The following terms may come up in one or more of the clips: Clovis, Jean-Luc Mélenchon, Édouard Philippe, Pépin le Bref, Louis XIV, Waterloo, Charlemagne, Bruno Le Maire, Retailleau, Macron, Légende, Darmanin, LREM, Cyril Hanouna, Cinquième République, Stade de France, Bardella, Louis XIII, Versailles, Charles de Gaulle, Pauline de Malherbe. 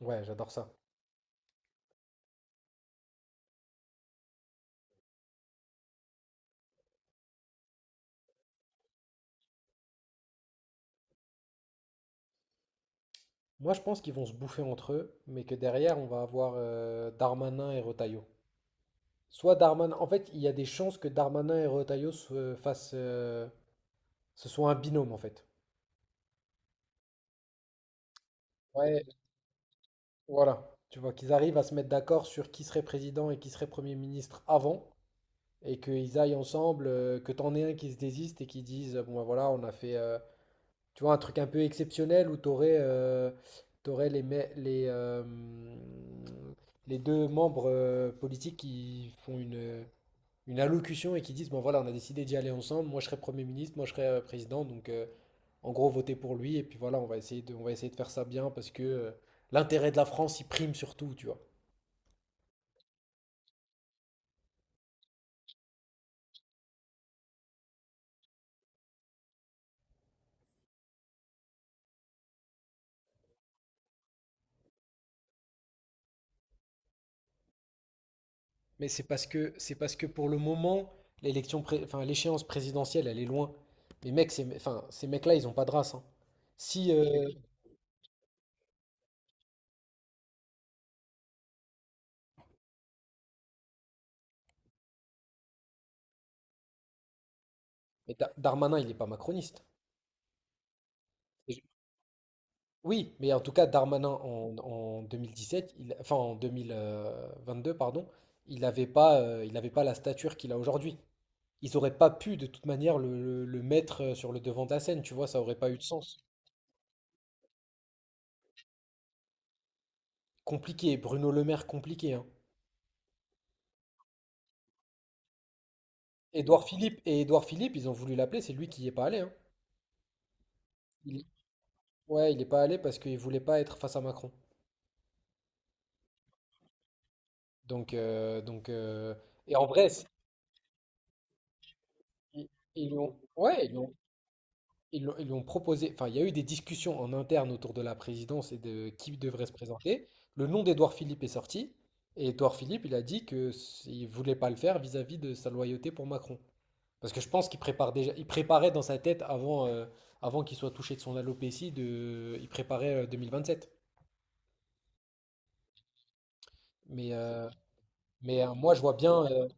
Ouais, j'adore ça. Moi, je pense qu'ils vont se bouffer entre eux, mais que derrière, on va avoir Darmanin et Retailleau. Soit Darmanin. En fait, il y a des chances que Darmanin et Retailleau se fassent, ce soit un binôme, en fait. Ouais, voilà. Tu vois, qu'ils arrivent à se mettre d'accord sur qui serait président et qui serait Premier ministre avant, et qu'ils aillent ensemble, que t'en aies un qui se désiste et qui dise, bon, ben voilà, on a fait. Tu vois, un truc un peu exceptionnel où tu aurais, les deux membres politiques qui font une allocution et qui disent, bon voilà, on a décidé d'y aller ensemble, moi je serai Premier ministre, moi je serai président, donc en gros votez pour lui, et puis voilà, on va essayer de faire ça bien parce que l'intérêt de la France, il prime surtout, tu vois. Mais c'est parce que pour le moment, enfin l'échéance présidentielle, elle est loin. Mais mec, enfin, ces mecs-là, ils ont pas de race, hein. Si, mais Darmanin, il n'est pas macroniste. Et je- Oui, mais en tout cas, Darmanin en 2017, enfin en 2022, pardon, il n'avait pas, il avait pas la stature qu'il a aujourd'hui. Ils auraient pas pu de toute manière le mettre sur le devant de la scène, tu vois, ça aurait pas eu de sens. Compliqué, Bruno Le Maire, compliqué, hein. Édouard Philippe, ils ont voulu l'appeler, c'est lui qui y est pas allé, hein. Il- Ouais, il n'est pas allé parce qu'il voulait pas être face à Macron. Donc, et en vrai, ils, ils lui ont, ouais, ils lui ont proposé. Enfin, il y a eu des discussions en interne autour de la présidence et de qui devrait se présenter. Le nom d'Édouard Philippe est sorti et Édouard Philippe, il a dit que il voulait pas le faire vis-à-vis de sa loyauté pour Macron. Parce que je pense qu'il prépare déjà, il préparait dans sa tête avant, avant qu'il soit touché de son alopécie, il préparait 2027. Mais, euh, mais moi, je vois bien.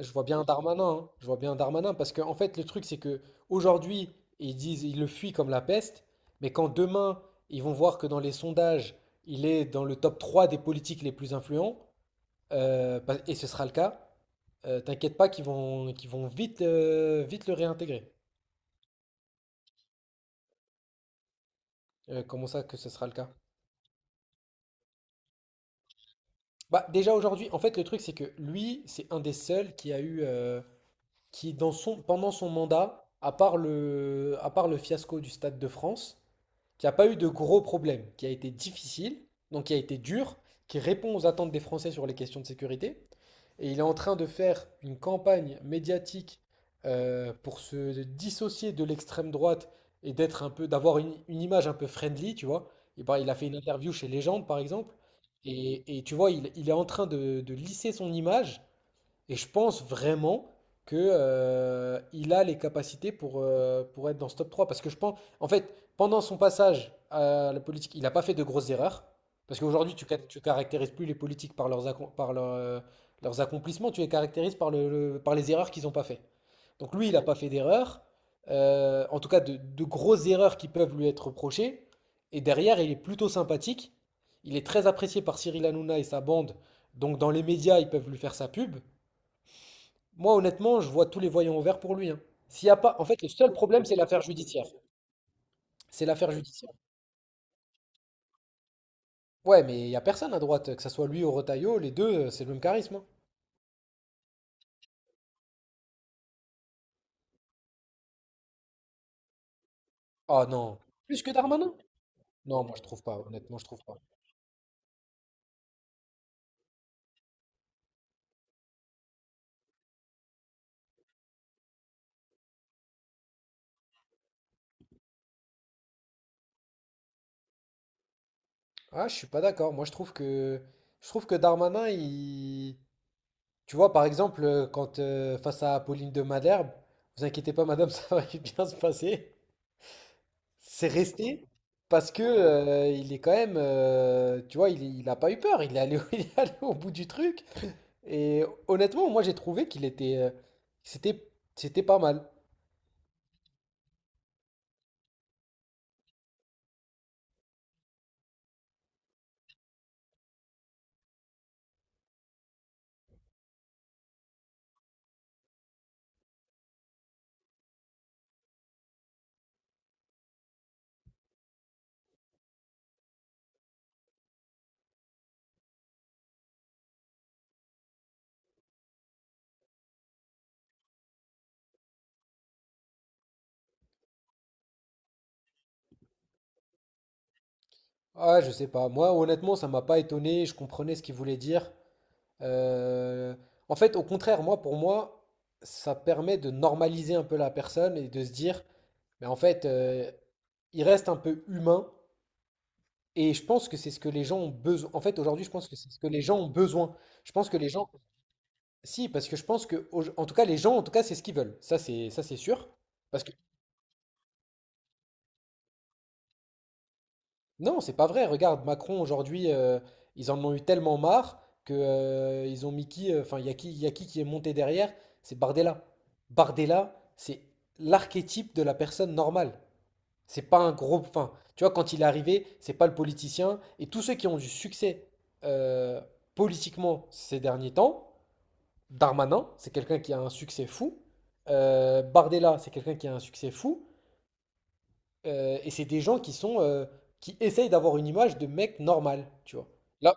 Je vois bien Darmanin, hein. Je vois bien Darmanin parce que en fait le truc c'est que aujourd'hui ils disent ils le fuient comme la peste, mais quand demain ils vont voir que dans les sondages il est dans le top 3 des politiques les plus influents, et ce sera le cas, t'inquiète pas qu'ils vont vite le réintégrer. Comment ça que ce sera le cas? Bah déjà aujourd'hui en fait le truc c'est que lui c'est un des seuls qui a eu qui dans son pendant son mandat à part le fiasco du Stade de France qui n'a pas eu de gros problèmes, qui a été difficile, donc qui a été dur, qui répond aux attentes des Français sur les questions de sécurité. Et il est en train de faire une campagne médiatique pour se dissocier de l'extrême droite et d'avoir une image un peu friendly, tu vois. Et ben, il a fait une interview chez Légende, par exemple. Et tu vois, il est en train de lisser son image et je pense vraiment que, il a les capacités pour être dans ce top 3. Parce que je pense, en fait, pendant son passage à la politique, il n'a pas fait de grosses erreurs. Parce qu'aujourd'hui, tu caractérises plus les politiques par leurs, accom- par leur, leurs accomplissements, tu les caractérises par les erreurs qu'ils n'ont pas fait. Donc lui, il n'a pas fait d'erreurs, en tout cas de grosses erreurs qui peuvent lui être reprochées. Et derrière, il est plutôt sympathique. Il est très apprécié par Cyril Hanouna et sa bande. Donc dans les médias, ils peuvent lui faire sa pub. Moi, honnêtement, je vois tous les voyants ouverts pour lui, hein. S'il y a pas, en fait, le seul problème, c'est l'affaire judiciaire. C'est l'affaire judiciaire. Ouais, mais il n'y a personne à droite, que ce soit lui ou Retailleau, les deux, c'est le même charisme, hein. Ah non, plus que Darmanin? Non, moi je trouve pas. Honnêtement, je trouve pas. Ah, je suis pas d'accord. Moi, je trouve que, Darmanin, tu vois, par exemple, quand face à Pauline de Malherbe, vous inquiétez pas, madame, ça va bien se passer. C'est resté parce que il est quand même, tu vois, il a pas eu peur, il est allé, il est allé au bout du truc. Et honnêtement, moi j'ai trouvé qu'il était, c'était, c'était pas mal. Ah, je sais pas. Moi, honnêtement, ça m'a pas étonné. Je comprenais ce qu'il voulait dire. Euh, En fait, au contraire, moi, pour moi, ça permet de normaliser un peu la personne et de se dire, mais en fait, il reste un peu humain. Et je pense que c'est ce que les gens ont besoin. En fait, aujourd'hui, je pense que c'est ce que les gens ont besoin. Je pense que les gens, si, parce que je pense que, en tout cas, les gens, en tout cas, c'est ce qu'ils veulent. Ça, c'est sûr. Parce que non, c'est pas vrai. Regarde, Macron aujourd'hui, ils en ont eu tellement marre que ils ont mis qui, enfin, il y a qui est monté derrière? C'est Bardella. Bardella, c'est l'archétype de la personne normale. C'est pas un gros. Enfin, tu vois, quand il est arrivé, c'est pas le politicien. Et tous ceux qui ont du succès euh, politiquement ces derniers temps, Darmanin, c'est quelqu'un qui a un succès fou. Bardella, c'est quelqu'un qui a un succès fou. Et c'est des gens qui sont, qui essayent d'avoir une image de mec normal, tu vois. Là,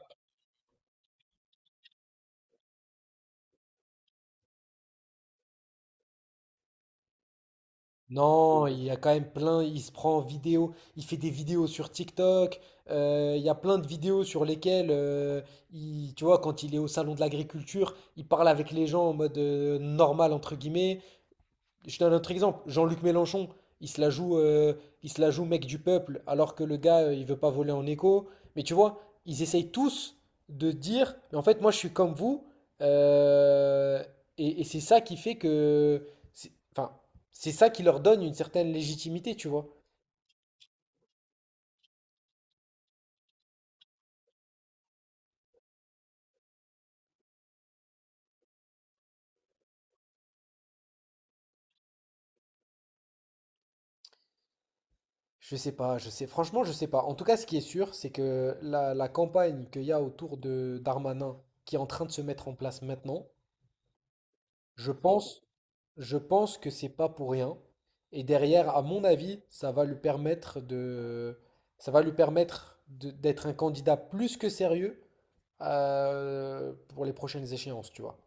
non, il y a quand même plein, il se prend en vidéo, il fait des vidéos sur TikTok, il y a plein de vidéos sur lesquelles, tu vois, quand il est au salon de l'agriculture, il parle avec les gens en mode normal, entre guillemets. Je donne un autre exemple. Jean-Luc Mélenchon, il se la joue, euh, il se la joue mec du peuple, alors que le gars, il veut pas voler en écho. Mais tu vois, ils essayent tous de dire, mais en fait, moi, je suis comme vous. euh, et c'est ça qui fait que, enfin, c'est ça qui leur donne une certaine légitimité, tu vois. Je sais pas, je sais, franchement, je sais pas. En tout cas, ce qui est sûr, c'est que la campagne qu'il y a autour de Darmanin, qui est en train de se mettre en place maintenant, je pense Je pense que c'est pas pour rien. Et derrière, à mon avis, ça va lui permettre de- d'être un candidat plus que sérieux pour les prochaines échéances, tu vois.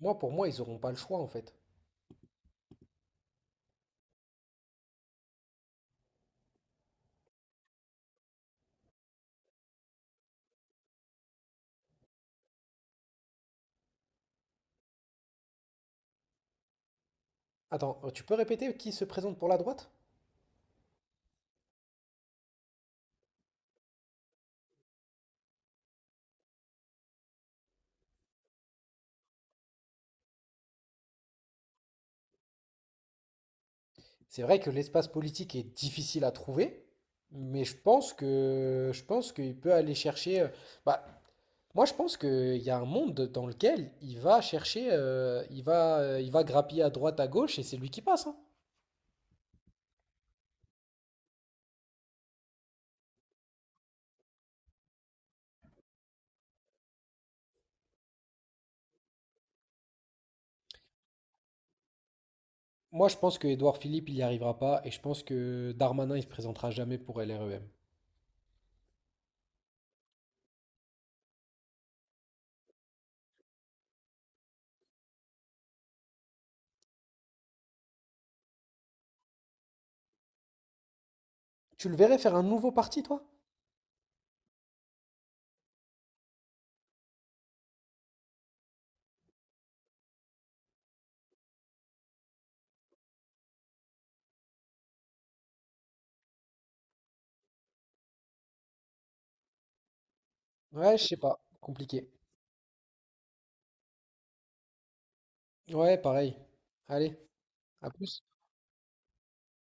Moi, pour moi, ils n'auront pas le choix, en fait. Attends, tu peux répéter qui se présente pour la droite? C'est vrai que l'espace politique est difficile à trouver, mais je pense qu'il peut aller chercher. Bah, moi, je pense qu'il y a un monde dans lequel il va chercher, il va grappiller à droite, à gauche, et c'est lui qui passe, hein. Moi, je pense que Édouard Philippe, il n'y arrivera pas, et je pense que Darmanin, il se présentera jamais pour LREM. Tu le verrais faire un nouveau parti, toi? Ouais, je sais pas, compliqué. Ouais, pareil. Allez, à plus.